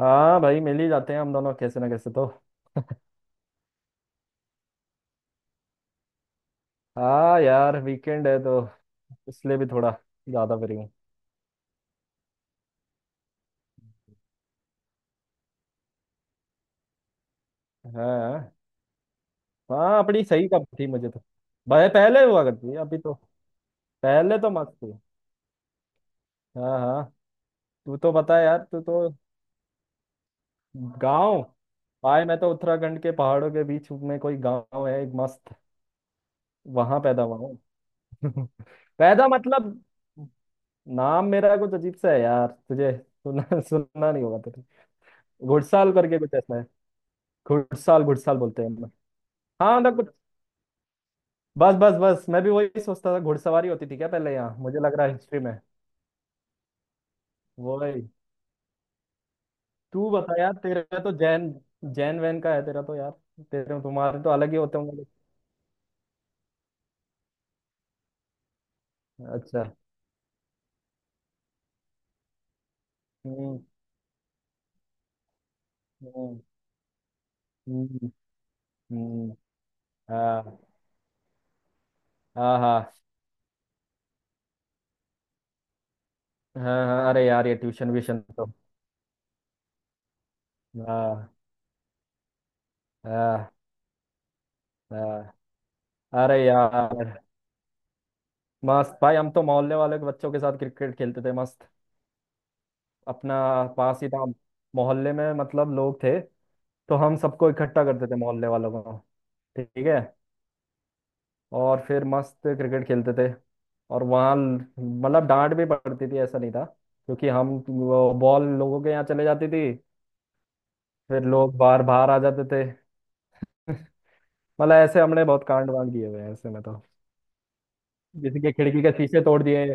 हाँ भाई मिल ही जाते हैं हम दोनों कैसे ना कैसे तो। हाँ यार वीकेंड है तो इसलिए भी थोड़ा ज्यादा फ्री हूँ। हाँ हाँ। अपनी सही कब थी मुझे तो। भाई पहले हुआ करती है अभी तो। पहले तो मस्त थी। हाँ हाँ। तू तो बता यार, तू तो। गाँव। भाई मैं तो उत्तराखंड के पहाड़ों के बीच में कोई गाँव है एक मस्त। वहां पैदा हुआ हूँ। पैदा मतलब। नाम मेरा कुछ अजीब सा है यार तुझे सुनना सुनना नहीं होगा तुझे। घुड़साल करके कुछ ऐसा है। घुड़साल घुड़साल बोलते हैं हम। हाँ मतलब। बस बस बस मैं भी वही सोचता था घुड़सवारी होती थी क्या पहले यहाँ मुझे लग रहा है हिस्ट्री में। वही। तू बता यार, तेरा तो जैन, जैन वैन का है तेरा तो यार। तेरे तुम्हारे तो अलग ही होते होंगे। अच्छा। हम्म। हम्म। हम्म। हम्म। हाँ हाँ हाँ हाँ, हाँ, अरे यार ये ट्यूशन व्यूशन तो। हाँ हाँ हाँ। अरे यार। मस्त भाई। हम तो मोहल्ले वाले के बच्चों के साथ क्रिकेट खेलते थे मस्त। अपना पास ही था। मोहल्ले में मतलब लोग थे तो हम सबको इकट्ठा करते थे मोहल्ले वालों को। ठीक है। और फिर मस्त क्रिकेट खेलते थे। और वहाँ मतलब डांट भी पड़ती थी ऐसा नहीं था क्योंकि हम वो बॉल लोगों के यहाँ चले जाती थी। फिर लोग बाहर बाहर आ जाते थे। मतलब ऐसे हमने बहुत कांड वांड किए हुए हैं ऐसे में तो। किसी के खिड़की के शीशे तोड़ दिए।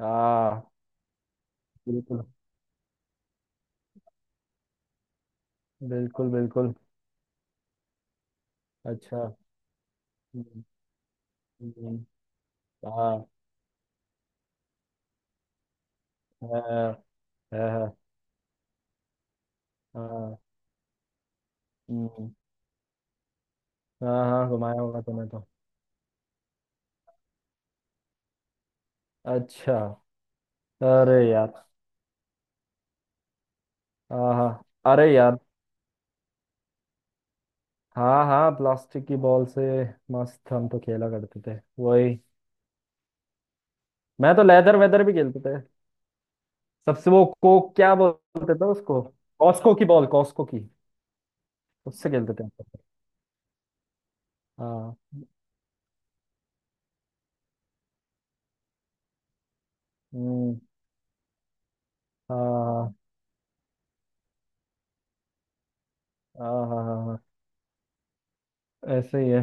हाँ। बिल्कुल बिल्कुल। बिल्कुल। अच्छा। हम्म। हम्म। हम्म। हाँ हाँ हाँ हाँ, हाँ। हम्म। हाँ हाँ घुमाया होगा तुम्हें तो। अच्छा। अरे यार। हाँ हाँ। अरे यार। हाँ हाँ प्लास्टिक की बॉल से। मस्त हम तो खेला करते थे वही। मैं तो लेदर वेदर भी खेलते थे। सबसे वो को क्या बोलते थे उसको? कॉस्को की बॉल कॉस्को की। उससे खेलते थे हम तो। हाँ। हम्म। हाँ हाँ हाँ हाँ हाँ, हाँ, ऐसे ही है।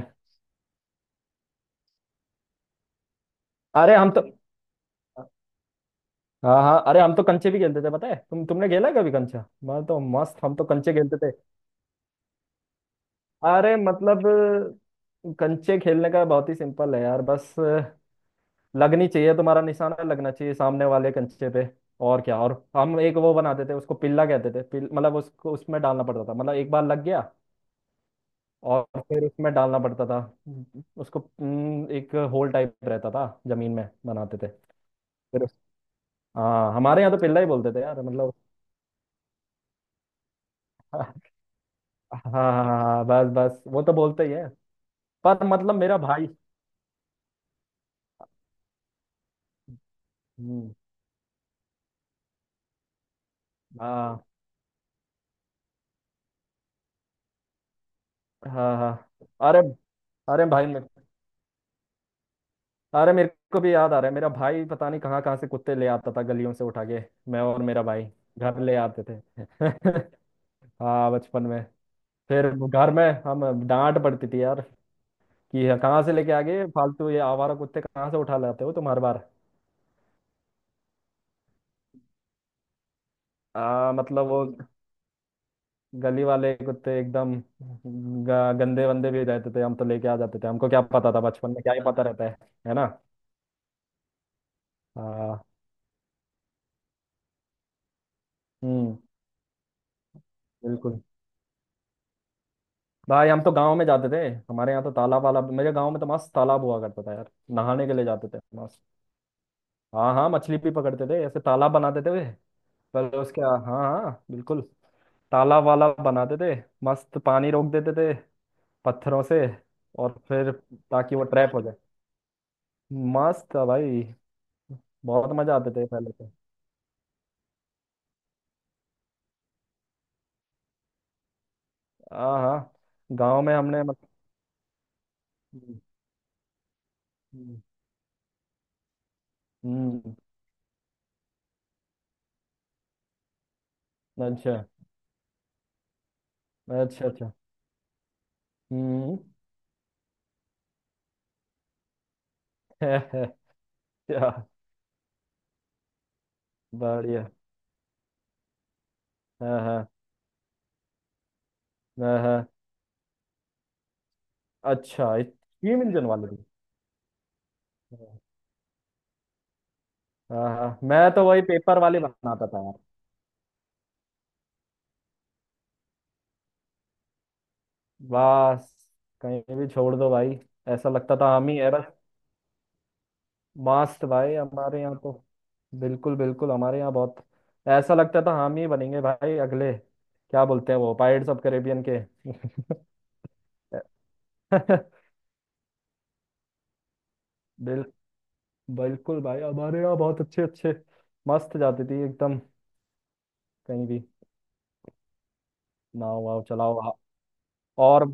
अरे हम तो। हाँ हाँ अरे हम तो कंचे भी खेलते थे पता है तुमने खेला है कभी कंचा? मैं तो मस्त हम तो कंचे खेलते थे। अरे मतलब। कंचे खेलने का बहुत ही सिंपल है यार। बस लगनी चाहिए तुम्हारा निशाना लगना चाहिए सामने वाले कंचे पे। और क्या। और हम एक वो बनाते थे उसको पिल्ला कहते थे मतलब उसको उसमें डालना पड़ता था मतलब एक बार लग गया और फिर उसमें डालना पड़ता था उसको। एक होल टाइप रहता था जमीन में बनाते थे। फिर हाँ हमारे यहाँ तो पिल्ला ही बोलते थे यार मतलब। हाँ हाँ हाँ, बस बस वो तो बोलते ही है। पर मतलब मेरा भाई। हम्म, हाँ हाँ हाँ। अरे। अरे भाई मेरे। अरे मेरे को भी याद आ रहा है मेरा भाई पता नहीं कहाँ कहाँ से कुत्ते ले आता था गलियों से उठा के। मैं और मेरा भाई घर ले आते थे। हाँ बचपन में। फिर घर में हम डांट पड़ती थी यार कि ये कहाँ से लेके आ गए फालतू ये आवारा कुत्ते कहाँ से उठा लाते हो तुम हर बार। मतलब वो गली वाले कुत्ते एकदम गंदे वंदे भी रहते थे हम तो लेके आ जाते थे हमको क्या पता था बचपन में क्या ही पता रहता है। है ना। हाँ। हम्म। बिल्कुल भाई हम तो गांव में जाते थे। हमारे यहाँ तो तालाब वालाब मेरे गांव में तो मस्त तालाब हुआ करता था यार। नहाने के लिए जाते थे मस्त। हाँ हाँ मछली भी पकड़ते थे ऐसे तालाब बनाते थे वे। पहले उसके हाँ हाँ बिल्कुल। तालाब वाला बनाते थे। मस्त पानी रोक देते थे पत्थरों से। और फिर ताकि वो ट्रैप हो जाए। मस्त था भाई। बहुत मजा आते थे पहले तो। हाँ हाँ। गाँव में हमने मत... हम्म। हम्म, अच्छा अच्छा अच्छा। हम्म। क्या? बढ़िया। हाँ हाँ हाँ हाँ। अच्छा स्टीम इंजन वाले भी। हाँ। हाँ हाँ मैं तो वही पेपर वाले बनाता था यार। बस कहीं भी छोड़ दो भाई। ऐसा लगता था हम ही है बस। मास्ट भाई हमारे यहाँ तो। बिल्कुल बिल्कुल हमारे यहाँ बहुत ऐसा लगता था हम ही बनेंगे भाई अगले क्या बोलते हैं वो पायरेट्स ऑफ कैरेबियन के। बिल बिल्कुल भाई हमारे यहाँ बहुत अच्छे अच्छे। मस्त जाती थी एकदम। कहीं भी। नाव वाव चलाओ। और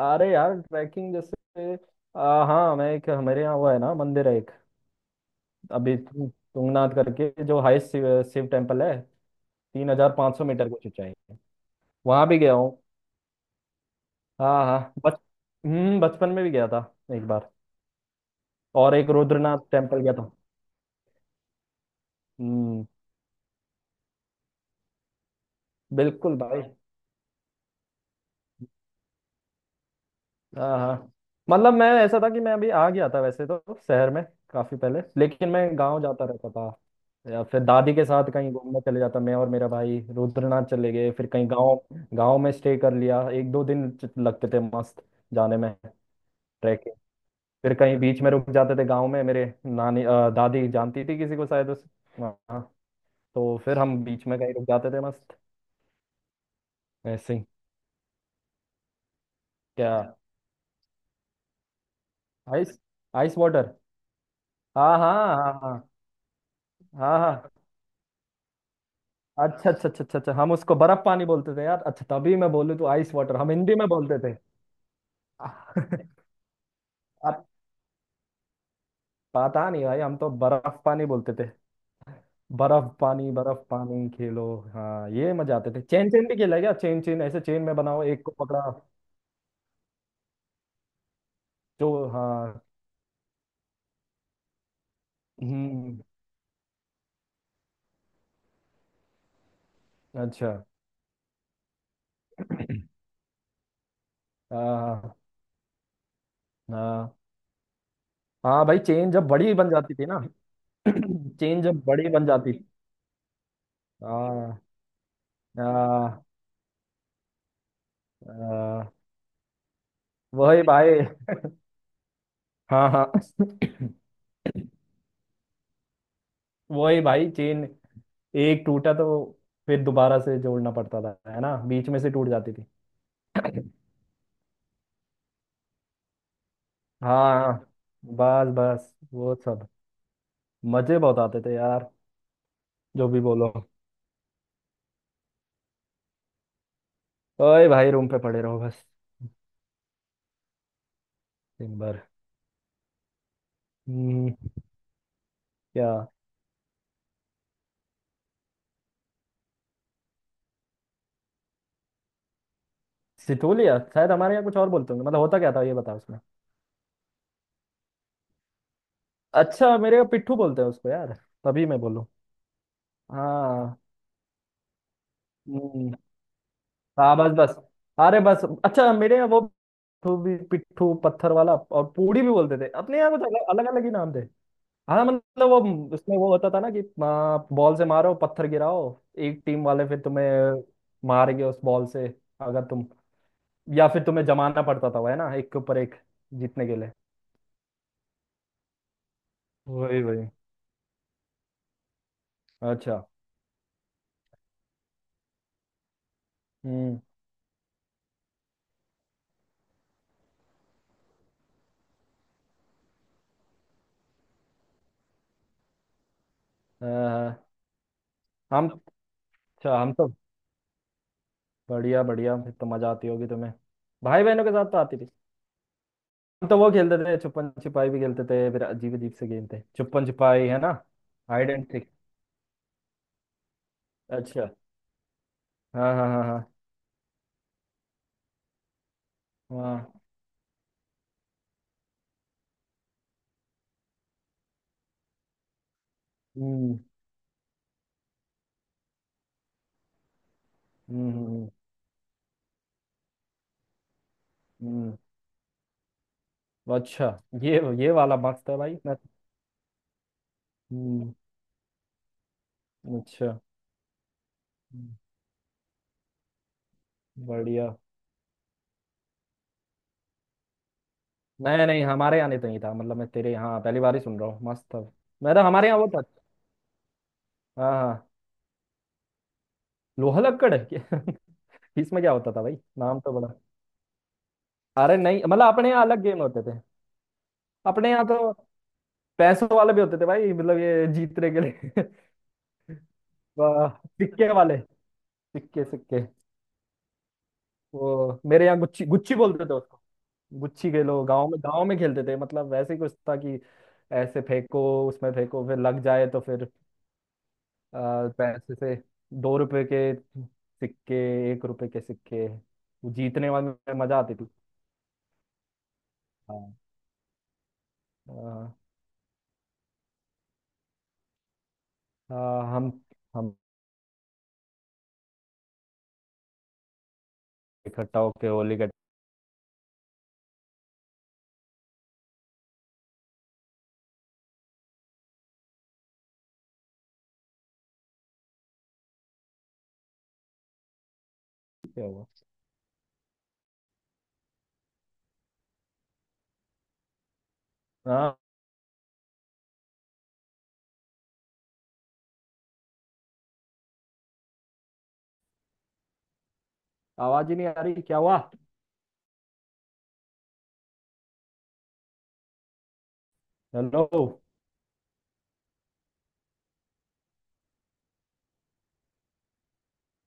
अरे यार ट्रैकिंग जैसे। हाँ मैं एक हमारे यहाँ वो है ना मंदिर है एक। अभी तुंगनाथ करके जो हाईएस्ट शिव, शिव टेम्पल है। 3500 मीटर की ऊंचाई है। वहाँ भी गया हूँ। हाँ हाँ बच बचपन में भी गया था एक बार। और एक रुद्रनाथ टेम्पल गया था। हम्म। बिल्कुल भाई। हाँ हाँ। मतलब मैं ऐसा था कि मैं अभी आ गया था वैसे तो शहर में काफी पहले लेकिन मैं गांव जाता रहता था। या फिर दादी के साथ कहीं घूमने चले जाता मैं और मेरा भाई रुद्रनाथ चले गए फिर कहीं गांव। गांव में स्टे कर लिया एक दो दिन लगते थे मस्त जाने में। ट्रैकिंग। फिर कहीं बीच में रुक जाते थे गांव में मेरे नानी दादी जानती थी किसी को शायद उस वहाँ। तो फिर हम बीच में कहीं रुक जाते थे मस्त। ऐसे ही। क्या? Ice ice water. हाँ हाँ हाँ हाँ हाँ हाँ। अच्छा अच्छा अच्छा अच्छा अच्छा हम उसको बर्फ पानी बोलते थे यार। अच्छा तभी मैं बोलूँ तो आइस वाटर हम हिंदी में बोलते थे। पता नहीं भाई हम तो बर्फ पानी बोलते थे। बर्फ पानी खेलो। हाँ ये मजा आते थे चेन चेन भी खेला है क्या? चेन चेन ऐसे चेन में बनाओ एक को पकड़ा जो। हाँ। हम्म। अच्छा। हाँ हाँ हाँ भाई चेन जब बड़ी बन जाती थी ना। चेन जब बड़ी बन जाती। हाँ हाँ हाँ, वही भाई। हाँ हाँ। वही भाई चेन एक टूटा तो फिर दोबारा से जोड़ना पड़ता था है ना बीच में से टूट जाती थी। हाँ बस बस वो सब मजे बहुत आते थे यार। जो भी बोलो। ओए भाई रूम पे पड़े रहो बस दिन भर। हम्म। क्या? सिटोलिया शायद हमारे यहाँ कुछ और बोलते होंगे मतलब होता क्या था ये बताओ उसमें। अच्छा मेरे यहाँ पिट्ठू बोलते हैं उसको यार। तभी मैं बोलूँ। हाँ। हम्म। हाँ बस बस। अरे बस अच्छा मेरे यहाँ वो पिट्ठू भी पिट्ठू पत्थर वाला और पूड़ी भी बोलते थे अपने यहाँ कुछ अलग अलग अलग ही नाम थे। हाँ मतलब वो उसमें वो होता था ना कि हाँ, बॉल से मारो पत्थर गिराओ। एक टीम वाले फिर तुम्हें मारेंगे उस बॉल से। अगर तुम या फिर तुम्हें जमाना पड़ता था वो है ना एक के ऊपर एक जीतने के लिए। वही वही। अच्छा। हम्म। अ, हम। अच्छा हम तो। बढ़िया बढ़िया फिर तो मजा आती होगी तुम्हें भाई बहनों के साथ तो आती थी। हम तो वो खेलते थे छुपन छिपाई भी खेलते थे फिर अजीब अजीब से गेम थे छुपन छिपाई है ना? Hide and seek. अच्छा। हाँ हाँ हाँ हाँ हाँ। हम्म हम्म हम्म हम्म, हम्म। अच्छा। ये ये वाला मस्त है भाई मैं। हम्म। अच्छा। हम्म, बढ़िया। नहीं नहीं हमारे यहाँ नहीं तो नहीं था मतलब मैं तेरे यहाँ पहली बार ही सुन रहा हूँ मस्त था। मैं तो हमारे यहाँ वो था। हाँ हाँ। लोहा लक्कड़ है इसमें क्या होता था भाई नाम तो बड़ा। अरे नहीं मतलब अपने यहाँ अलग गेम होते थे। अपने यहाँ तो पैसों वाले भी होते थे भाई मतलब ये जीतने के लिए। वाह, सिक्के वाले। सिक्के सिक्के। वो मेरे यहाँ गुच्ची गुच्ची बोलते थे उसको। गुच्छी खेलो गांव में खेलते थे मतलब वैसे ही कुछ था कि ऐसे फेंको उसमें फेंको फिर लग जाए तो फिर पैसे से। 2 रुपए के सिक्के। 1 रुपए के सिक्के वो जीतने वाले में मजा आती थी। हाँ हाँ हाँ, हम इकट्ठा होके होली का। क्या हुआ? हाँ आवाज ही नहीं आ रही क्या हुआ? हेलो।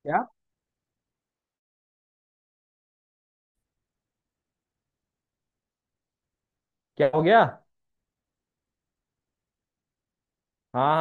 क्या? क्या हो गया? हाँ।